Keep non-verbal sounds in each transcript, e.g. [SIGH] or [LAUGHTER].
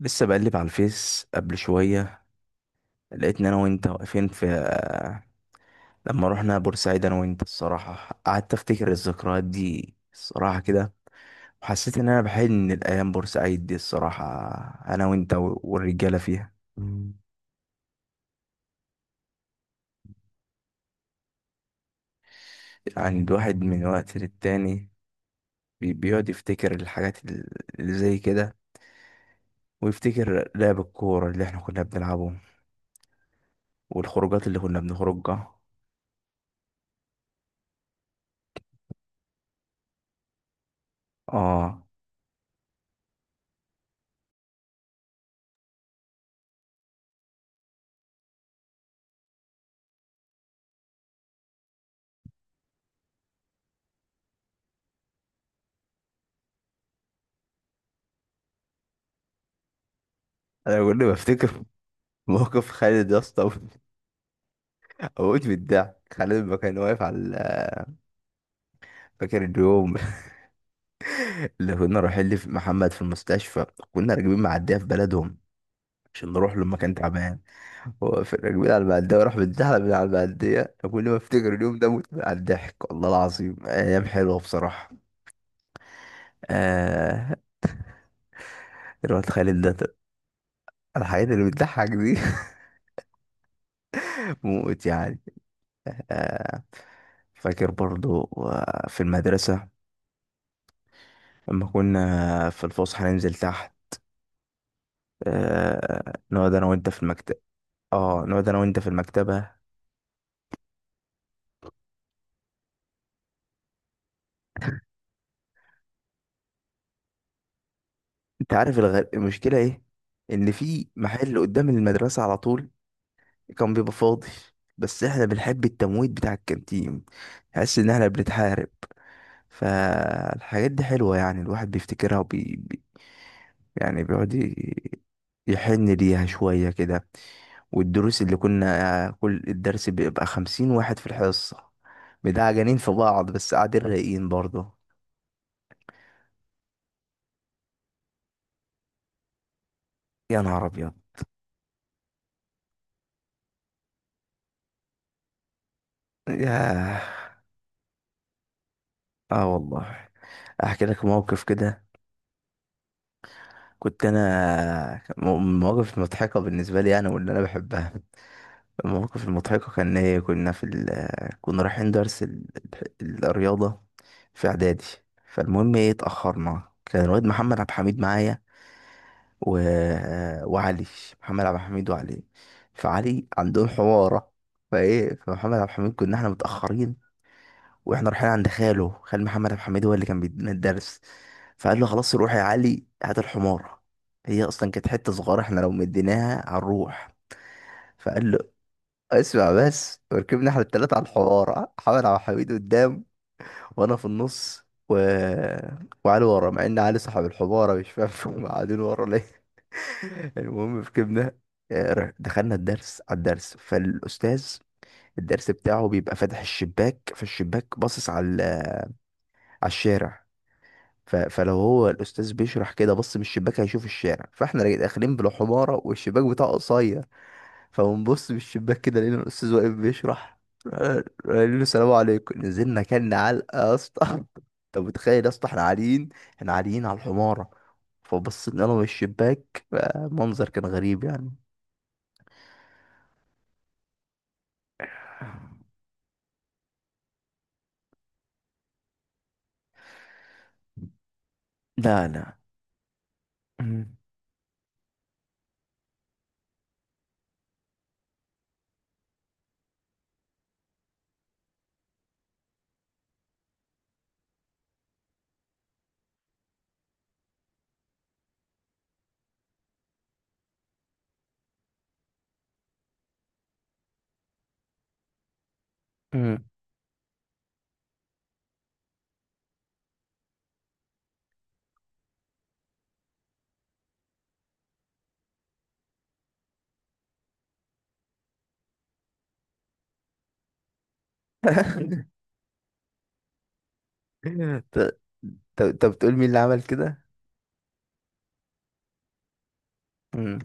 لسه بقلب على الفيس قبل شوية. لقيت ان انا وانت واقفين في آه، لما رحنا بورسعيد انا وانت الصراحة، قعدت افتكر الذكريات دي الصراحة كده. وحسيت ان انا بحن الايام بورسعيد دي الصراحة، انا وانت والرجالة فيها. يعني الواحد من وقت للتاني بيقعد يفتكر الحاجات اللي زي كده، ويفتكر لعب الكورة اللي احنا كنا بنلعبه والخروجات اللي كنا بنخرجها. اه. انا كل ما افتكر موقف خالد يا اسطى، موت من الضحك. خالد ما كان واقف على [LAUGHS] فاكر اليوم؟ [LAUGHS] اللي كنا رايحين محمد في المستشفى. كنا راكبين معدية في بلدهم عشان نروح له لما كان تعبان. هو في راكبين على المعدية وراح بيتزحلق من على المعدية. كل ما افتكر اليوم ده موت على الضحك والله العظيم، ايام حلوة بصراحة. آه. الواد خالد ده، الحاجات اللي بتضحك دي. [LAUGHS] موت يعني. آه. فاكر برضو في المدرسة لما كنا في الفسحة ننزل تحت، آه نقعد انا وانت في المكتب. اه نقعد انا وانت في المكتبة. انت عارف المشكلة ايه؟ ان في محل قدام المدرسة على طول كان بيبقى فاضي، بس احنا بنحب التمويت بتاع الكانتين، تحس ان احنا بنتحارب. فالحاجات دي حلوة يعني، الواحد بيفتكرها يعني يحن ليها شوية كده. والدروس اللي كنا كل الدرس بيبقى خمسين واحد في الحصة، بتاع جنين في بعض بس قاعدين رايقين برضه. يا نهار ابيض. ياه. اه والله. احكي لك موقف كده. كنت انا مواقف مضحكه بالنسبه لي انا واللي انا بحبها. المواقف المضحكه كان ايه؟ كنا في كنا رايحين درس الرياضه في اعدادي. فالمهم ايه، اتاخرنا. كان الواد محمد عبد الحميد معايا و... وعلي. محمد عبد الحميد وعلي. فعلي عندهم حواره. فايه، فمحمد عبد الحميد كنا احنا متاخرين واحنا رايحين عند خاله، خال محمد عبد الحميد هو اللي كان بيدينا الدرس. فقال له خلاص روح يا علي هات الحمار. هي اصلا كانت حته صغيره احنا لو مديناها هنروح. فقال له اسمع بس. وركبنا احنا التلاته على الحمار، محمد عبد الحميد قدام وانا في النص وعلي ورا، مع ان علي صاحب الحماره مش فاهم [LAUGHS] هم قاعدين ورا ليه. [LAUGHS] المهم ركبنا. دخلنا الدرس على الدرس، فالاستاذ الدرس بتاعه بيبقى فاتح الشباك، فالشباك باصص على على الشارع. فلو هو الاستاذ بيشرح كده بص من الشباك هيشوف الشارع، فاحنا داخلين بلا حماره والشباك بتاعه قصير. فبنبص من الشباك كده لقينا الاستاذ واقف بيشرح. قال له السلام عليكم، نزلنا كلنا علقه يا اسطى. [LAUGHS] طب متخيل يا اسطى احنا عاليين، احنا عاليين على الحماره. فبصيت انا من الشباك، منظر كان غريب يعني. لا لا. مم. مم. [LAUGHS] [LAUGHS] ط- طب تقول مين اللي عمل كده؟ مم.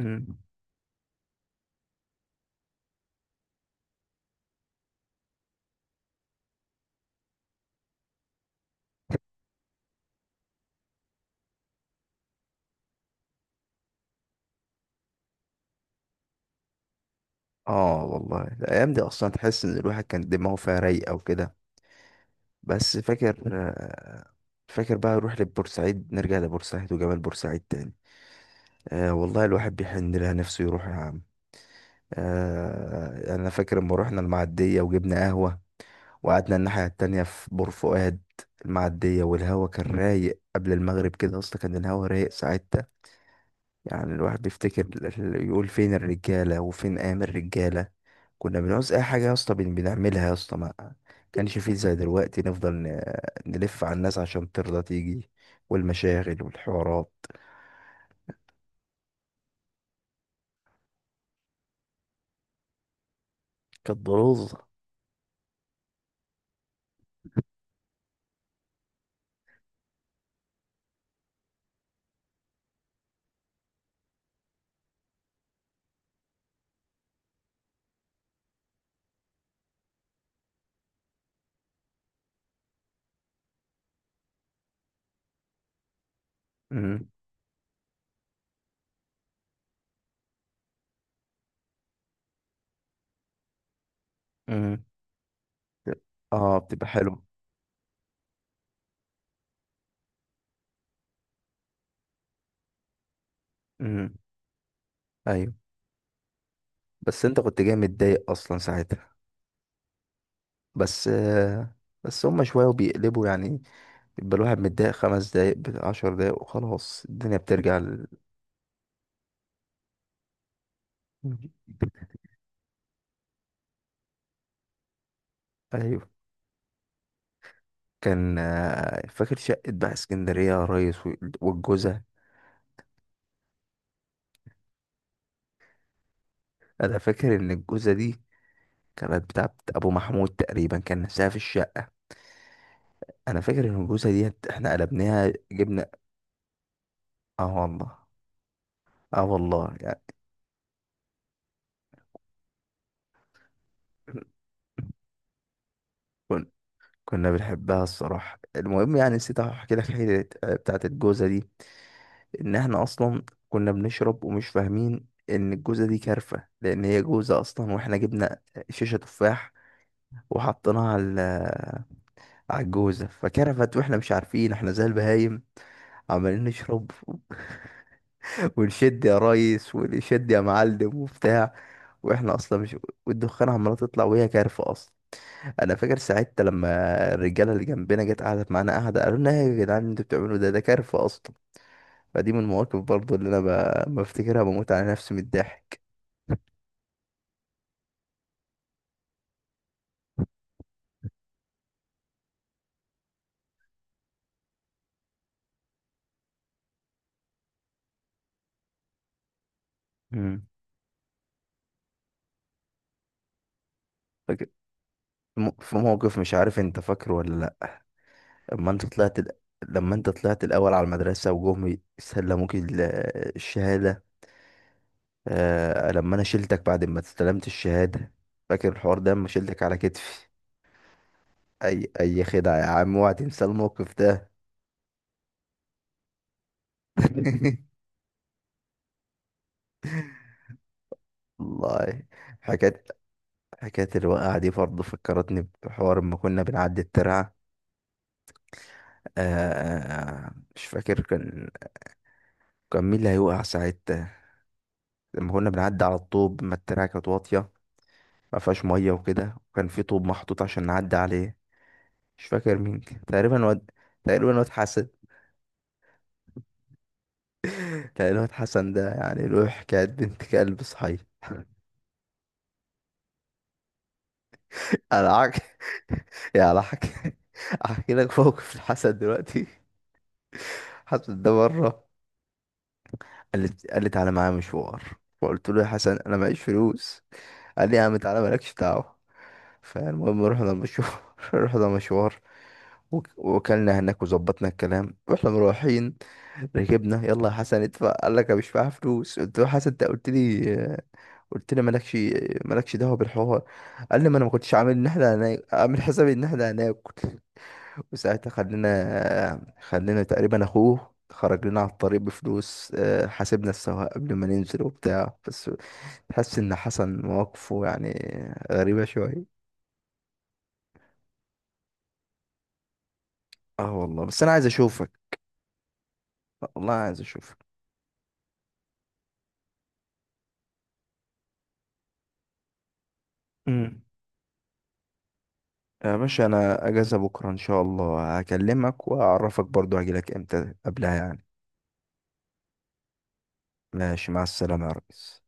مم. اه والله الايام دي اصلا تحس ان الواحد كان دماغه فيها رايقه وكده، بس فاكر فاكر بقى نروح لبورسعيد، نرجع لبورسعيد وجبال بورسعيد تاني. آه والله الواحد بيحن لها نفسه يروح يا عم. آه، انا فاكر لما رحنا المعديه وجبنا قهوه وقعدنا الناحيه التانية في بور فؤاد، المعديه والهوا كان رايق قبل المغرب كده، اصلا كان الهوا رايق ساعتها. يعني الواحد بيفتكر يقول فين الرجاله وفين ايام الرجاله. كنا بنعوز اي حاجه يا اسطى بنعملها يا اسطى، ما كانش فيه زي دلوقتي نفضل نلف على الناس عشان ترضى تيجي، والمشاغل والحوارات. كانت ضروزه. امم امم. اه بتبقى حلو. امم. ايوه. بس انت كنت جاي متضايق اصلا ساعتها، بس بس هما شويه وبيقلبوا يعني، يبقى الواحد متضايق خمس دقايق عشر دقايق وخلاص الدنيا بترجع مم. ايوه. كان فاكر شقة بقى اسكندرية يا ريس والجوزة. انا فاكر ان الجوزه دي كانت بتاعت ابو محمود تقريبا، كان نفسها في الشقه. انا فاكر ان الجوزه دي احنا قلبناها جبنا. اه والله. اه والله يعني. [CLEARS THROAT] كن- كنا بنحبها الصراحه. المهم يعني، نسيت احكي لك حته بتاعت الجوزه دي. ان احنا اصلا كنا بنشرب ومش فاهمين ان الجوزه دي كارفه، لان هي جوزه اصلا، واحنا جبنا شيشه تفاح وحطيناها على على الجوزه فكرفت، واحنا مش عارفين، احنا زي البهايم عمالين نشرب ونشد يا ريس ونشد يا معلم وبتاع، واحنا اصلا مش، والدخان عماله تطلع وهي كارفه اصلا. انا فاكر ساعتها لما الرجاله اللي جنبنا جت قعدت معانا قعده، قالوا لنا إيه يا جدعان اللي انتوا بتعملوا ده، ده كارفه اصلا. فدي من المواقف برضو اللي انا بفتكرها، بموت على نفسي من الضحك. امم. فاكر في موقف مش عارف انت فاكره ولا لا. لما انت طلعت ال... لما انت طلعت الاول على المدرسه وجم يسلموك الشهاده. آه لما انا شلتك بعد ما استلمت الشهادة، فاكر الحوار ده لما شلتك على كتفي؟ اي اي خدعة يا عم، اوعى تنسى الموقف ده. [LAUGHS] والله. حكاية. حكاية الوقعة دي برضه فكرتني بحوار لما كنا بنعدي الترعة. آه. مش فاكر كان مين اللي هيوقع ساعتها لما كنا بنعدي على الطوب، ما الترعة كانت واطية، ما فيهاش مية وكده، وكان في طوب محطوط عشان نعدي عليه. مش فاكر مين كان. تقريبا واد. تقريبا واد حسن. كان الواد حسن ده يعني له حكاية بنت كلب صحيح. [LAUGHS] انا عك... [LAUGHS] يا انا حك... احكي لك موقف الحسن دلوقتي. حسن ده مرة قال لي تعالى معايا مشوار. فقلت له يا حسن انا معيش فلوس. قال لي يا عم تعالى مالكش دعوة. فالمهم رحنا مشوار. [LAUGHS] رحنا مشوار وكلنا هناك وظبطنا الكلام، واحنا مروحين ركبنا يلا يا حسن ادفع، قال لك انا مش معايا فلوس. قلت له يا حسن انت قلت لي، قلت لي مالكش دعوه بالحوار. قال لي ما انا ما كنتش عامل ان احنا هناك، عامل حسابي ان احنا هناكل. وساعتها خلينا تقريبا اخوه خرج لنا على الطريق بفلوس، حاسبنا السواق قبل ما ننزل وبتاع. بس تحس ان حسن مواقفه يعني غريبه شويه. اه والله. بس انا عايز اشوفك. والله عايز اشوفك. امم. يا باشا انا اجازة بكرة ان شاء الله، هكلمك واعرفك برضو هجيلك امتى قبلها يعني. ماشي، مع السلامة يا ريس.